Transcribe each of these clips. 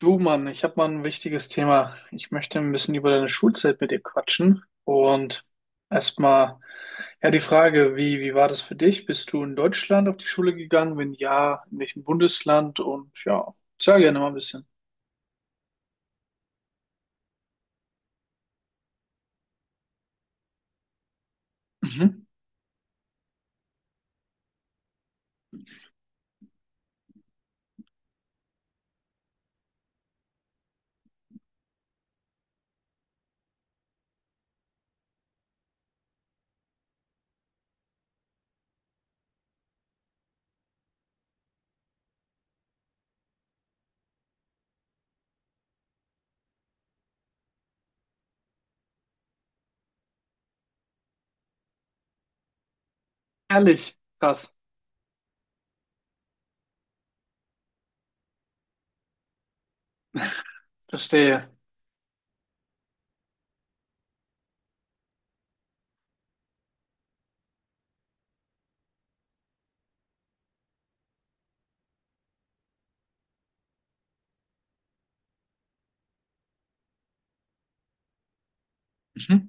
Du Mann, ich habe mal ein wichtiges Thema. Ich möchte ein bisschen über deine Schulzeit mit dir quatschen und erstmal ja die Frage, wie war das für dich? Bist du in Deutschland auf die Schule gegangen? Wenn ja, in welchem Bundesland? Und ja, sag gerne mal ein bisschen. Mhm. Ehrlich, krass, verstehe. Mhm.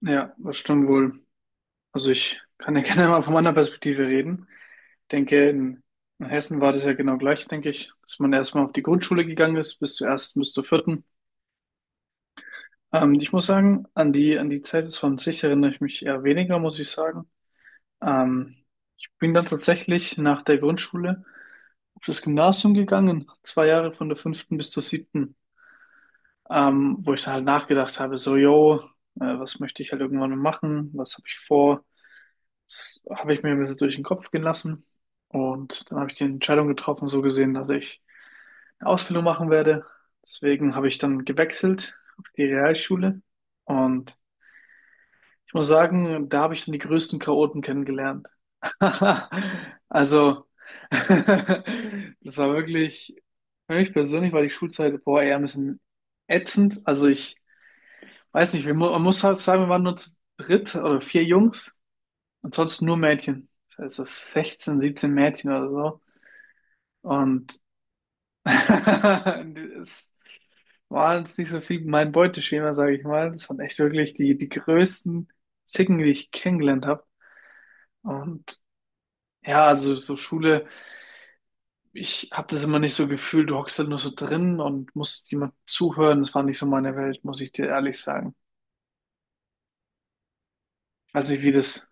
Ja, das stimmt wohl. Also ich kann ja gerne mal von meiner Perspektive reden. Ich denke, in Hessen war das ja genau gleich, denke ich, dass man erstmal auf die Grundschule gegangen ist, bis zur ersten, bis zur vierten. Ich muss sagen, an an die Zeit des 20 erinnere ich mich eher weniger, muss ich sagen. Ähm, Bin dann tatsächlich nach der Grundschule auf das Gymnasium gegangen, zwei Jahre von der fünften bis zur siebten, wo ich dann halt nachgedacht habe, so, yo, was möchte ich halt irgendwann mal machen, was habe ich vor, das habe ich mir ein bisschen durch den Kopf gehen lassen und dann habe ich die Entscheidung getroffen, so gesehen, dass ich eine Ausbildung machen werde. Deswegen habe ich dann gewechselt auf die Realschule und ich muss sagen, da habe ich dann die größten Chaoten kennengelernt. Also, das war wirklich, für mich persönlich war die Schulzeit, boah, eher ein bisschen ätzend. Also ich weiß nicht, man muss halt sagen, wir waren nur zu dritt oder vier Jungs und sonst nur Mädchen. Das heißt, so 16, 17 Mädchen oder so. Und es war jetzt nicht so viel mein Beuteschema, sage ich mal. Das waren echt wirklich die größten Zicken, die ich kennengelernt habe. Und ja, also so Schule, ich habe das immer nicht so gefühlt, du hockst halt nur so drin und musst jemand zuhören. Das war nicht so meine Welt, muss ich dir ehrlich sagen. Ich weiß nicht, wie das.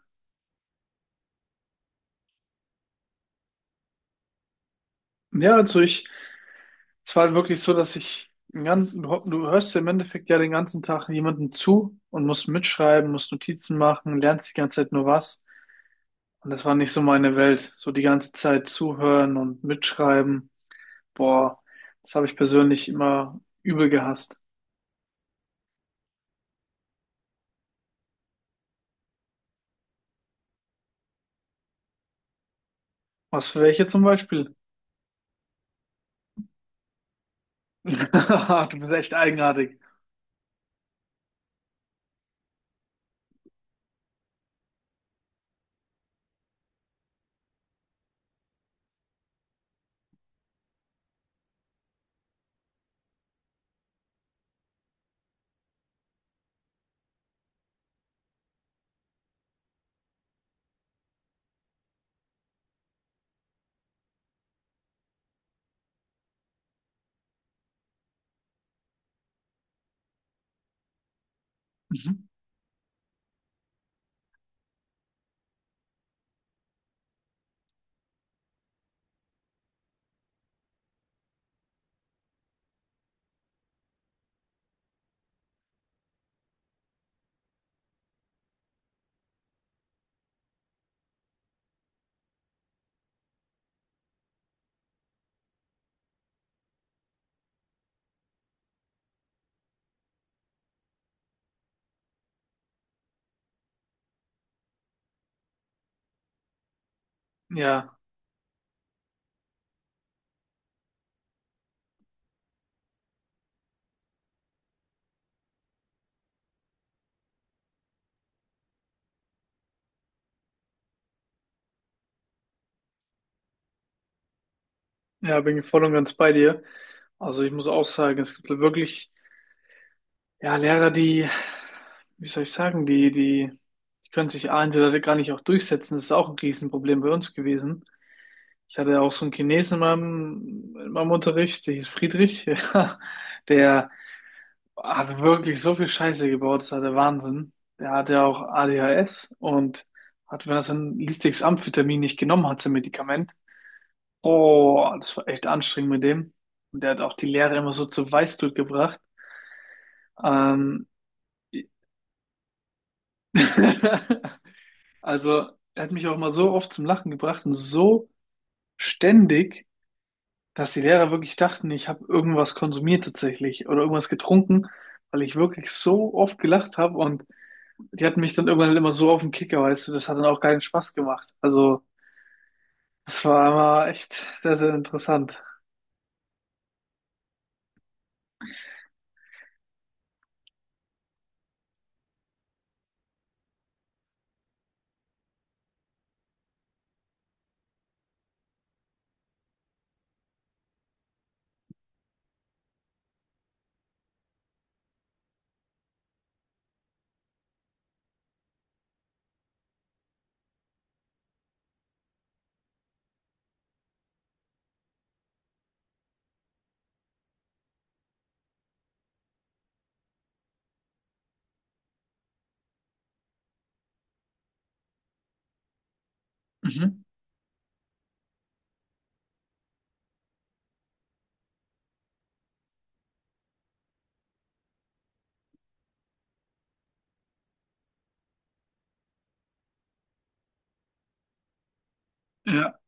Ja, also ich, es war halt wirklich so, dass ich den ganzen, du hörst im Endeffekt ja den ganzen Tag jemandem zu und musst mitschreiben, musst Notizen machen, lernst die ganze Zeit nur was. Und das war nicht so meine Welt. So die ganze Zeit zuhören und mitschreiben. Boah, das habe ich persönlich immer übel gehasst. Was für welche zum Beispiel? Du bist echt eigenartig. Mhm. Ja, ja, bin ich voll und ganz bei dir. Also ich muss auch sagen, es gibt wirklich, ja, wie soll ich sagen, die können sich A, entweder gar nicht auch durchsetzen. Das ist auch ein Riesenproblem bei uns gewesen. Ich hatte auch so einen Chinesen in in meinem Unterricht, der hieß Friedrich, ja, der hat wirklich so viel Scheiße gebaut, das war der Wahnsinn. Der hatte auch ADHS und hat, wenn er sein listiges Amphetamin nicht genommen hat, sein Medikament. Oh, das war echt anstrengend mit dem. Und der hat auch die Lehrer immer so zur Weißglut gebracht. Ähm, also, er hat mich auch mal so oft zum Lachen gebracht und so ständig, dass die Lehrer wirklich dachten, ich habe irgendwas konsumiert tatsächlich oder irgendwas getrunken, weil ich wirklich so oft gelacht habe und die hatten mich dann irgendwann halt immer so auf den Kicker, weißt du, das hat dann auch keinen Spaß gemacht. Also, das war immer echt sehr, sehr interessant. Mhm. Ja.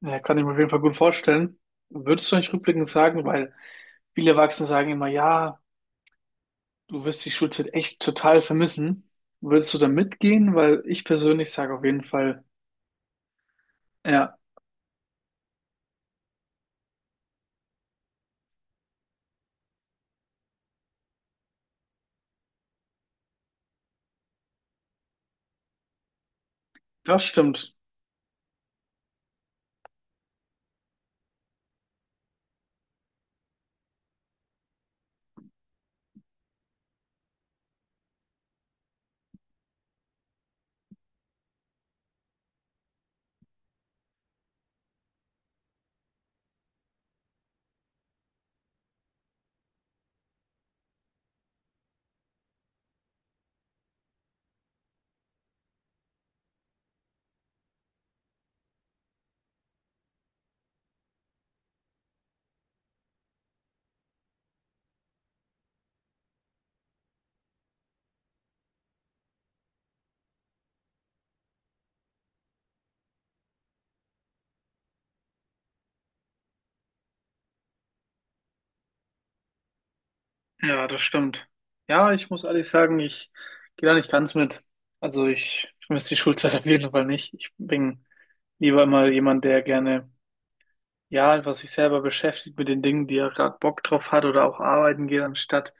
Ja, kann ich mir auf jeden Fall gut vorstellen. Würdest du nicht rückblickend sagen, weil viele Erwachsene sagen immer, ja, du wirst die Schulzeit echt total vermissen. Würdest du da mitgehen? Weil ich persönlich sage auf jeden Fall, ja, das stimmt. Ja, das stimmt. Ja, ich muss ehrlich sagen, ich gehe da nicht ganz mit. Also ich vermisse die Schulzeit auf jeden Fall nicht. Ich bin lieber immer jemand, der gerne ja, einfach sich selber beschäftigt mit den Dingen, die er gerade Bock drauf hat oder auch arbeiten geht, anstatt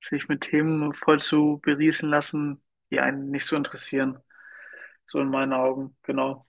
sich mit Themen voll zu berieseln lassen, die einen nicht so interessieren. So in meinen Augen, genau.